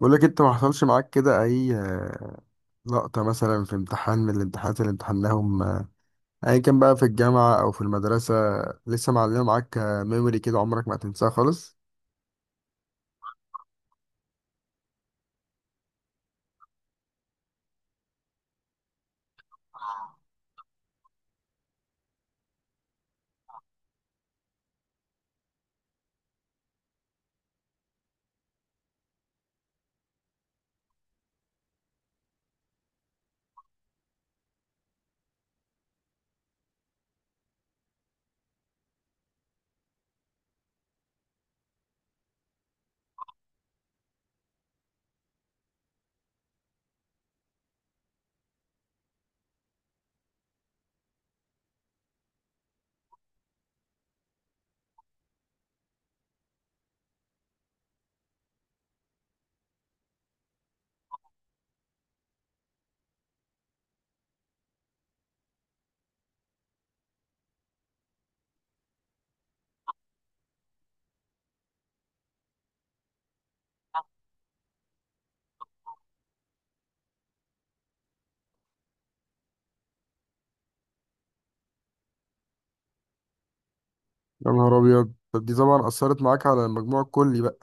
بقول لك انت ما حصلش معاك كده اي لقطة مثلا في امتحان من الامتحانات اللي امتحناهم، ايا كان بقى في الجامعة او في المدرسة، لسه معلمة معاك ميموري كده عمرك ما هتنساها خالص. يا نهار ابيض، طب دي طبعا اثرت معاك على المجموع الكلي بقى.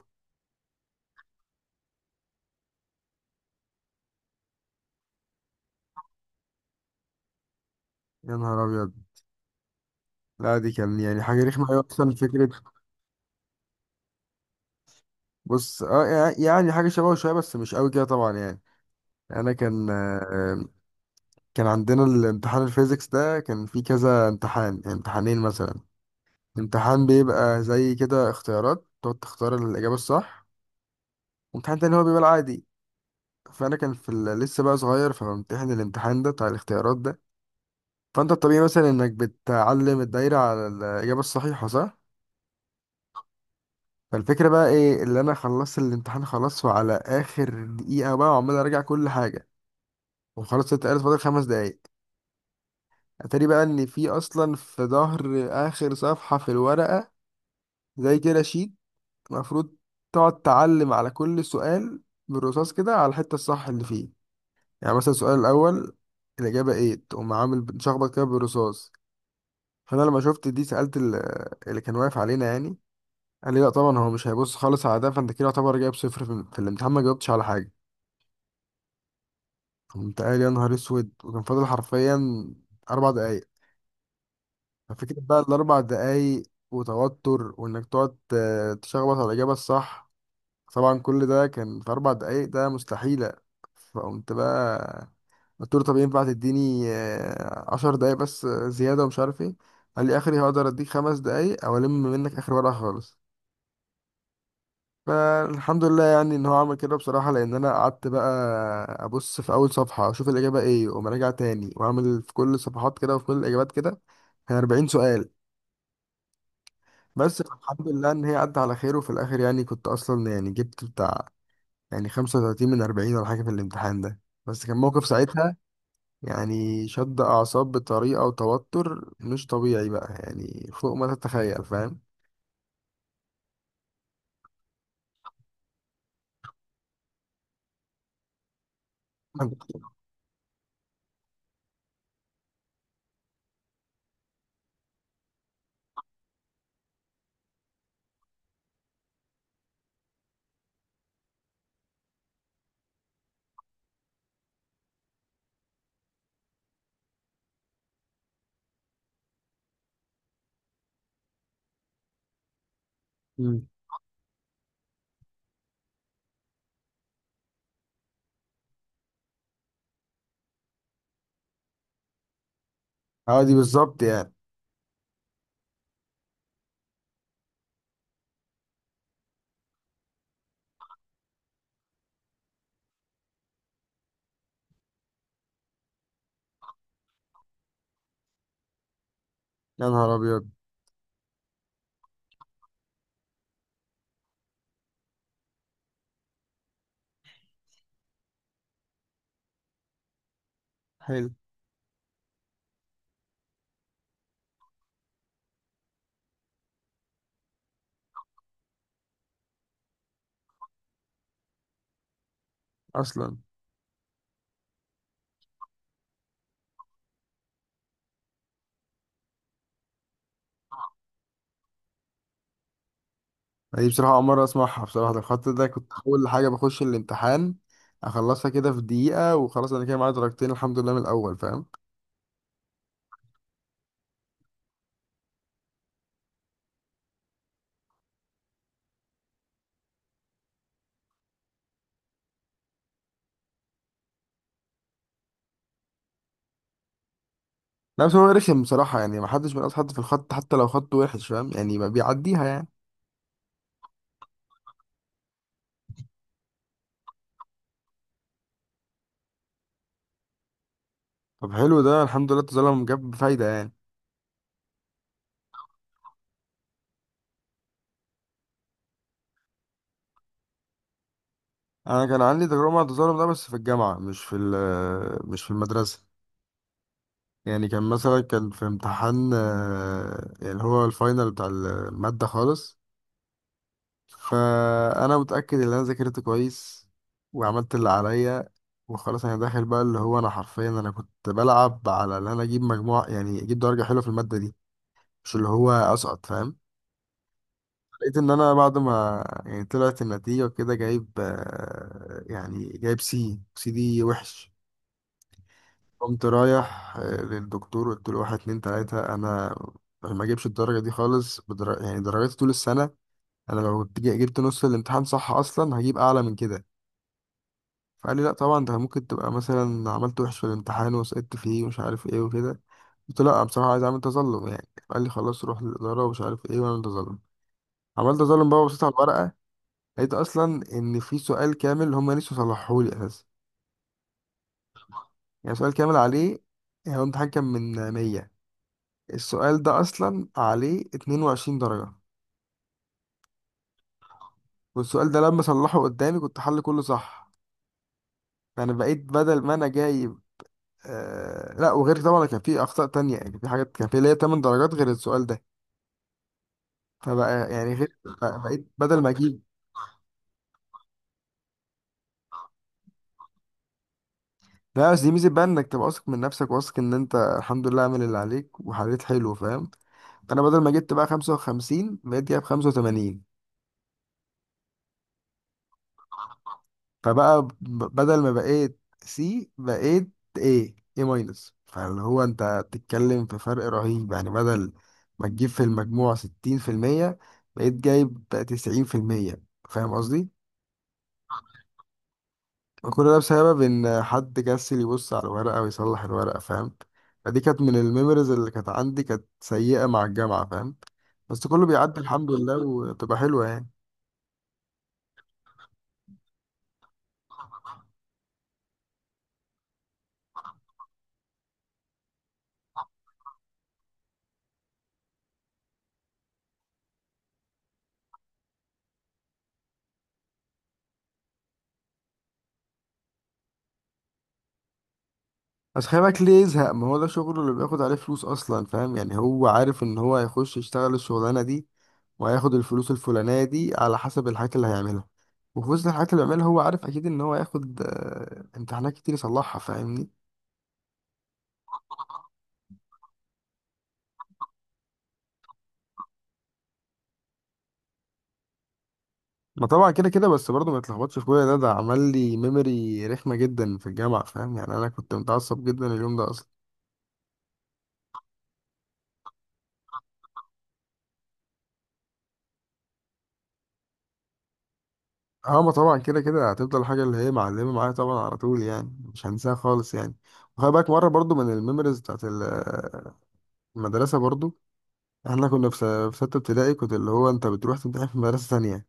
يا نهار ابيض. لا دي كان يعني حاجة رخمة أوي أصلا فكرة. بص اه، يعني حاجة شبهه شوية بس مش قوي كده طبعا يعني. أنا كان عندنا الامتحان الفيزيكس ده، كان فيه كذا امتحان، امتحانين مثلا. امتحان بيبقى زي كده اختيارات تقعد تختار الإجابة الصح، وامتحان تاني هو بيبقى العادي. فأنا كان في لسه بقى صغير، فبمتحن الامتحان ده بتاع الاختيارات ده. فأنت الطبيعي مثلا إنك بتعلم الدايرة على الإجابة الصحيحة، صح؟ فالفكرة بقى إيه؟ اللي أنا خلصت الامتحان خلاص، وعلى آخر دقيقة بقى وعمال أراجع كل حاجة، وخلاص اتقالت فاضل خمس دقايق. أتاري بقى إن في أصلا في ظهر آخر صفحة في الورقة زي كده شيت المفروض تقعد تعلم على كل سؤال بالرصاص كده على الحتة الصح اللي فيه. يعني مثلا السؤال الأول الإجابة إيه، تقوم عامل مشخبط كده بالرصاص. فأنا لما شفت دي سألت اللي كان واقف علينا يعني. قال لي لا طبعا هو مش هيبص خالص على ده، فأنت كده يعتبر جايب صفر في الامتحان، ما جاوبتش على حاجة. قمت قايل يا نهار أسود، وكان فاضل حرفيا أربع دقايق. ففكرة بقى الأربع دقايق وتوتر، وإنك تقعد تشخبط على الإجابة الصح، طبعا كل ده كان في أربع دقايق، ده مستحيلة. فقمت بقى قلت له طب ينفع تديني عشر دقايق بس زيادة ومش عارف ايه. قال لي آخري هقدر أديك خمس دقايق أو ألم منك آخر ورقة خالص. فالحمد لله يعني إن هو عمل كده بصراحة، لأن أنا قعدت بقى أبص في أول صفحة أشوف الإجابة إيه وأقوم راجع تاني وأعمل في كل الصفحات كده وفي كل الإجابات كده، كان 40 سؤال. بس الحمد لله إن هي عدت على خير، وفي الآخر يعني كنت أصلا يعني جبت بتاع يعني 35 من 40 ولا حاجة في الامتحان ده. بس كان موقف ساعتها، يعني شد أعصاب بطريقة وتوتر مش طبيعي بقى، يعني فوق ما تتخيل، فاهم؟ مم. اه، دي بالظبط يعني. يا نهار أبيض، حلو أصلا. يعني دي بصراحة أول مرة أسمعها بصراحة، ده الخط ده كنت أول حاجة بخش الامتحان أخلصها كده في دقيقة، وخلاص أنا كده معايا درجتين الحمد لله من الأول، فاهم؟ لا بس هو رخم بصراحة، يعني محدش بينقص حد في الخط حتى لو خط وحش، فاهم يعني؟ ما بيعديها يعني. طب حلو ده، الحمد لله التظلم جاب فايدة يعني. أنا كان عندي تجربة مع التظلم ده بس في الجامعة، مش في مش في المدرسة. يعني كان مثلا كان في امتحان اللي هو الفاينل بتاع المادة خالص. فأنا متأكد إن أنا ذاكرت كويس وعملت اللي عليا، وخلاص أنا داخل بقى، اللي هو أنا حرفيا أنا كنت بلعب على إن أنا أجيب مجموع، يعني أجيب درجة حلوة في المادة دي، مش اللي هو أسقط، فاهم؟ لقيت ان انا بعد ما يعني طلعت النتيجة وكده جايب يعني جايب سي سي دي وحش. قمت رايح للدكتور قلت له واحد اتنين تلاتة، انا ما اجيبش الدرجة دي خالص يعني درجاتي طول السنة، انا لو كنت جبت نص الامتحان صح اصلا هجيب اعلى من كده. فقال لي لا طبعا ده ممكن تبقى مثلا عملت وحش في الامتحان وسقطت فيه ومش عارف ايه وكده. قلت له لا بصراحة عايز اعمل تظلم يعني. قال لي خلاص روح للإدارة ومش عارف ايه واعمل تظلم. عملت تظلم بقى وبصيت على الورقة، لقيت اصلا ان في سؤال كامل هم نسوا صلحوه لي اساسا. يعني سؤال كامل عليه، يعني هو الامتحان كان من 100، السؤال ده اصلا عليه 22 درجة. والسؤال ده لما صلحه قدامي كنت حل كله صح، فانا بقيت بدل ما انا جايب، آه لا وغير طبعا كان في اخطاء تانية، يعني في حاجات كان في ليا 8 درجات غير السؤال ده، فبقى يعني غير، بقيت بدل ما اجيب. لا بس دي ميزة بقى، انك تبقى واثق من نفسك، واثق ان انت الحمد لله عامل اللي عليك وحليت حلو، فاهم؟ فانا بدل ما جبت بقى 55 بقيت جايب 85. فبقى بدل ما بقيت سي بقيت ايه ايه ماينس، فاللي هو انت بتتكلم في فرق رهيب، يعني بدل ما تجيب في المجموع 60% بقيت جايب 90%، فاهم قصدي؟ وكل ده بسبب ان حد كسل يبص على الورقة ويصلح الورقة، فاهم؟ فدي كانت من الميموريز اللي كانت عندي كانت سيئة مع الجامعة، فاهم؟ بس كله بيعدي الحمد لله وتبقى حلوة يعني. بس خلي بالك ليه يزهق، ما هو ده شغله اللي بياخد عليه فلوس اصلا، فاهم يعني؟ هو عارف ان هو هيخش يشتغل الشغلانه دي، وهياخد الفلوس الفلانيه دي على حسب الحاجات اللي هيعملها، وفي وسط الحاجات اللي بيعملها هو عارف اكيد ان هو هياخد امتحانات كتير يصلحها، فاهمني؟ ما طبعا كده كده، بس برضه ما يتلخبطش في كل ده، ده عمل لي ميموري رخمه جدا في الجامعه، فاهم يعني؟ انا كنت متعصب جدا اليوم ده اصلا. اه، ما طبعا كده كده هتفضل حاجه اللي هي معلمه معايا طبعا على طول، يعني مش هنساها خالص يعني. وخلي بالك مره برضه من الميموريز بتاعت المدرسة برضو، احنا كنا في في ستة ابتدائي، كنت اللي هو انت بتروح تمتحن في مدرسة ثانية.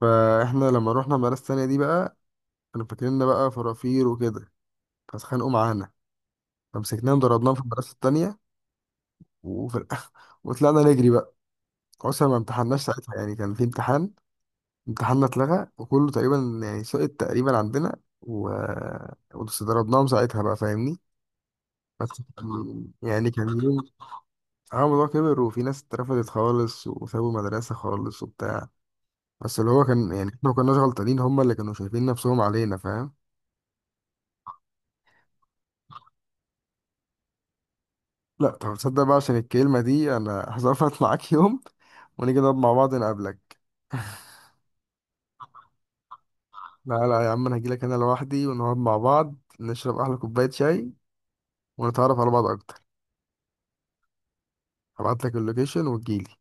فاحنا لما روحنا المدرسة الثانية دي بقى، كانوا فاكريننا بقى فرافير وكده، فاتخانقوا معانا، فمسكناهم ضربناهم في المدرسة التانية. وفي الآخر وطلعنا نجري بقى، أصلا ما امتحناش ساعتها، يعني كان في امتحان امتحاننا اتلغى وكله تقريبا يعني سقط تقريبا عندنا. و... بس ضربناهم ساعتها بقى، فاهمني؟ بس يعني كان يوم. اه الموضوع كبر، وفي ناس اترفضت خالص وسابوا المدرسة خالص وبتاع، بس اللي هو كان يعني احنا ما كناش غلطانين، هما اللي كانوا شايفين نفسهم علينا، فاهم؟ لا طب تصدق بقى عشان الكلمة دي انا هظبط معاك يوم ونيجي نقعد مع بعض نقابلك. لا لا يا عم، انا هجيلك انا لوحدي ونقعد مع بعض، نشرب احلى كوباية شاي ونتعرف على بعض اكتر. هبعتلك اللوكيشن وتجيلي.